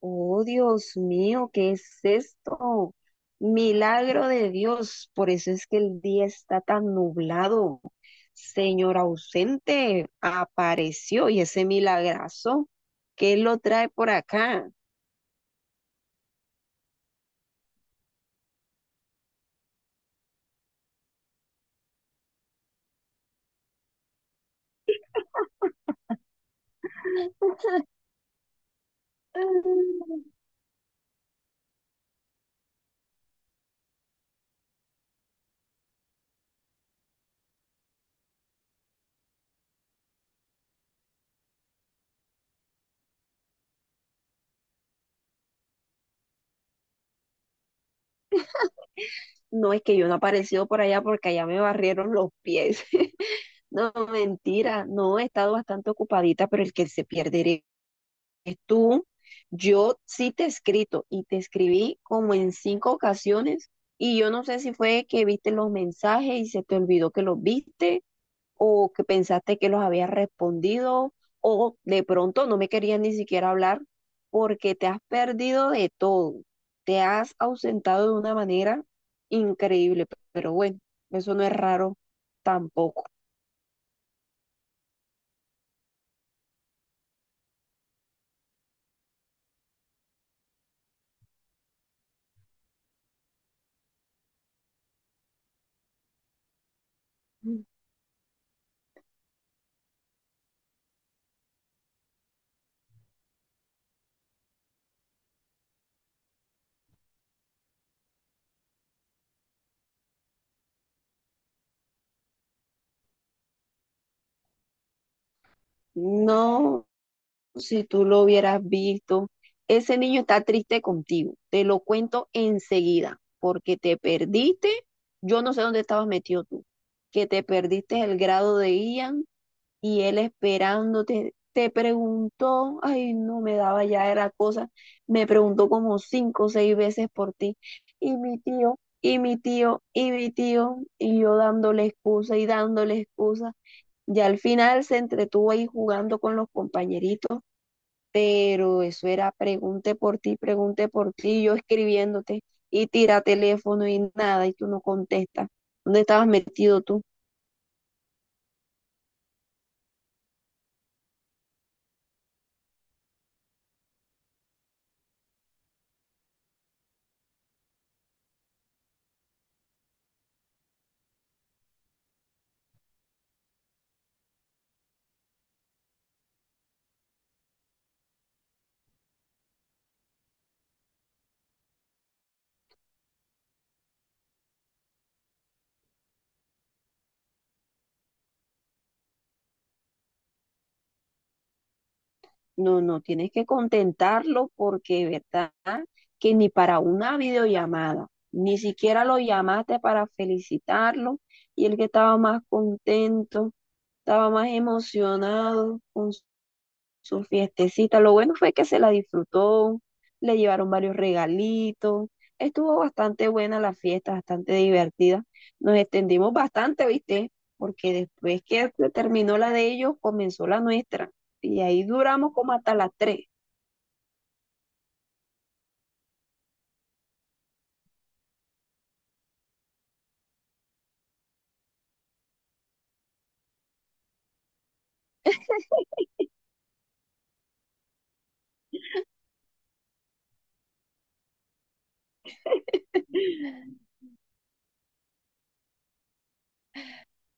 Oh, Dios mío, ¿qué es esto? Milagro de Dios, por eso es que el día está tan nublado. Señor ausente, apareció y ese milagrazo, ¿qué lo trae por acá? Ah, no es que yo no he aparecido por allá porque allá me barrieron los pies. No, mentira, no, he estado bastante ocupadita, pero el que se pierde eres tú, yo sí te he escrito y te escribí como en cinco ocasiones y yo no sé si fue que viste los mensajes y se te olvidó que los viste o que pensaste que los habías respondido o de pronto no me querías ni siquiera hablar porque te has perdido de todo, te has ausentado de una manera increíble, pero bueno, eso no es raro tampoco. No, si tú lo hubieras visto. Ese niño está triste contigo. Te lo cuento enseguida, porque te perdiste. Yo no sé dónde estabas metido tú, que te perdiste el grado de Ian y él esperándote. Te preguntó, ay, no me daba ya era cosa. Me preguntó como cinco o seis veces por ti. Y mi tío, y mi tío, y mi tío, y yo dándole excusa. Y al final se entretuvo ahí jugando con los compañeritos, pero eso era pregunte por ti, yo escribiéndote y tira teléfono y nada y tú no contestas. ¿Dónde estabas metido tú? No, no, tienes que contentarlo porque, ¿verdad? Que ni para una videollamada, ni siquiera lo llamaste para felicitarlo y el que estaba más contento, estaba más emocionado con su fiestecita. Lo bueno fue que se la disfrutó, le llevaron varios regalitos. Estuvo bastante buena la fiesta, bastante divertida. Nos extendimos bastante, ¿viste? Porque después que terminó la de ellos, comenzó la nuestra. Y ahí duramos como hasta las 3.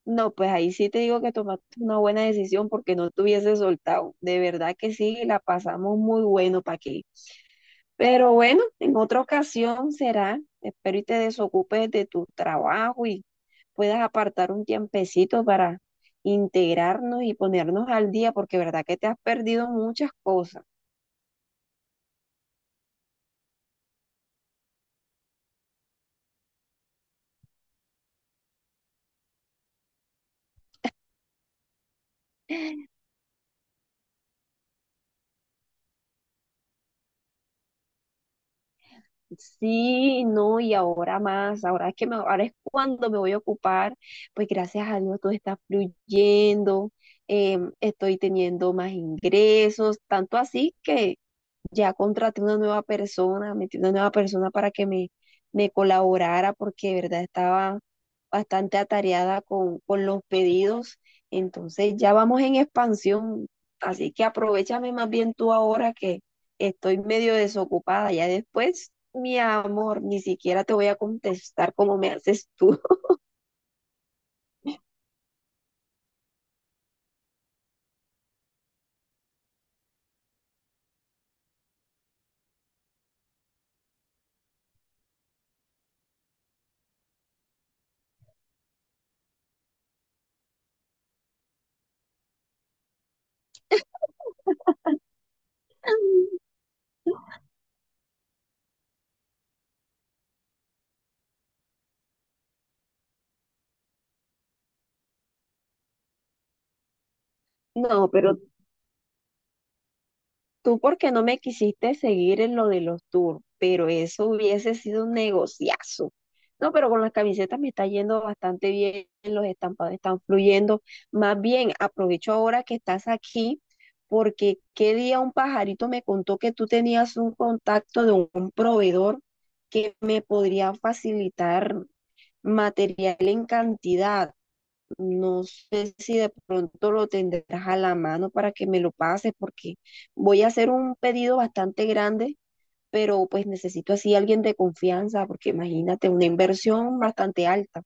No, pues ahí sí te digo que tomaste una buena decisión porque no te hubiese soltado. De verdad que sí, la pasamos muy bueno para aquí. Pero bueno, en otra ocasión será. Espero y te desocupes de tu trabajo y puedas apartar un tiempecito para integrarnos y ponernos al día, porque verdad que te has perdido muchas cosas. Sí, no, y ahora más, ahora es que me, ahora es cuando me voy a ocupar, pues gracias a Dios todo está fluyendo, estoy teniendo más ingresos, tanto así que ya contraté una nueva persona, metí una nueva persona para que me colaborara, porque de verdad estaba bastante atareada con los pedidos, entonces ya vamos en expansión, así que aprovechame más bien tú ahora que estoy medio desocupada, ya después, mi amor, ni siquiera te voy a contestar como me haces tú. No, pero tú porque no me quisiste seguir en lo de los tours, pero eso hubiese sido un negociazo. No, pero con las camisetas me está yendo bastante bien, los estampados están fluyendo. Más bien, aprovecho ahora que estás aquí, porque qué día un pajarito me contó que tú tenías un contacto de un proveedor que me podría facilitar material en cantidad. No sé si de pronto lo tendrás a la mano para que me lo pases, porque voy a hacer un pedido bastante grande, pero pues necesito así alguien de confianza, porque imagínate, una inversión bastante alta.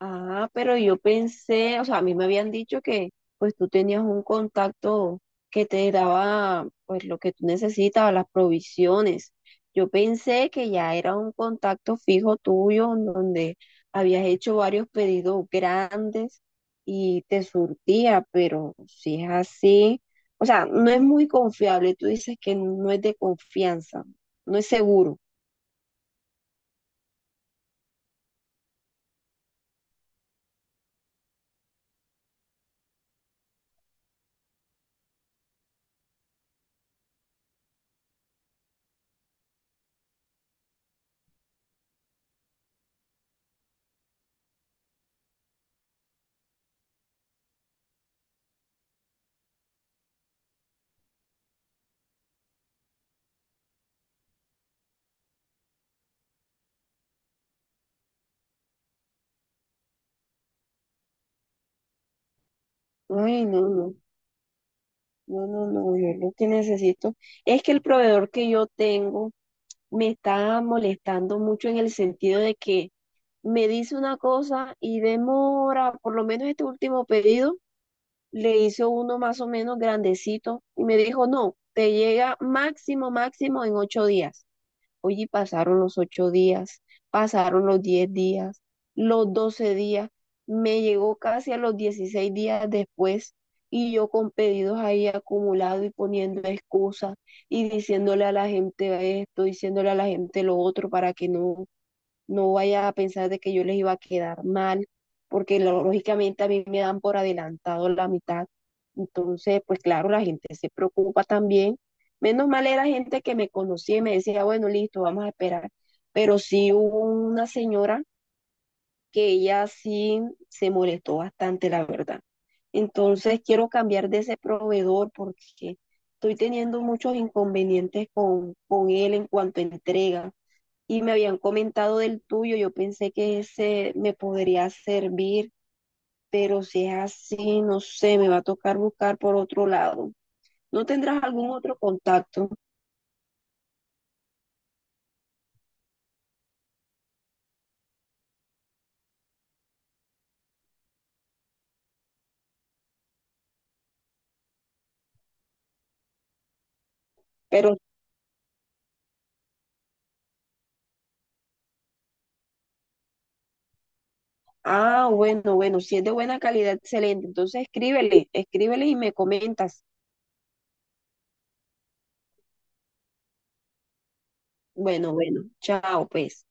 Ah, pero yo pensé, o sea, a mí me habían dicho que pues tú tenías un contacto que te daba pues lo que tú necesitabas, las provisiones. Yo pensé que ya era un contacto fijo tuyo en donde habías hecho varios pedidos grandes y te surtía, pero si es así, o sea, no es muy confiable. Tú dices que no es de confianza, no es seguro. Ay, no, no. No, no, no, yo lo que necesito es que el proveedor que yo tengo me está molestando mucho en el sentido de que me dice una cosa y demora, por lo menos este último pedido, le hizo uno más o menos grandecito y me dijo, no, te llega máximo, máximo en 8 días. Oye, pasaron los 8 días, pasaron los 10 días, los 12 días, me llegó casi a los 16 días después y yo con pedidos ahí acumulados y poniendo excusas y diciéndole a la gente esto, diciéndole a la gente lo otro para que no vaya a pensar de que yo les iba a quedar mal, porque lógicamente a mí me dan por adelantado la mitad. Entonces, pues claro, la gente se preocupa también. Menos mal era gente que me conocía y me decía, bueno, listo, vamos a esperar. Pero sí hubo una señora que ella sí se molestó bastante, la verdad. Entonces, quiero cambiar de ese proveedor porque estoy teniendo muchos inconvenientes con él en cuanto a entrega y me habían comentado del tuyo, yo pensé que ese me podría servir, pero si es así, no sé, me va a tocar buscar por otro lado. ¿No tendrás algún otro contacto? Pero, ah, bueno, bueno, si es de buena calidad, excelente. Entonces escríbele, escríbele y me comentas. Bueno, bueno, chao, pues.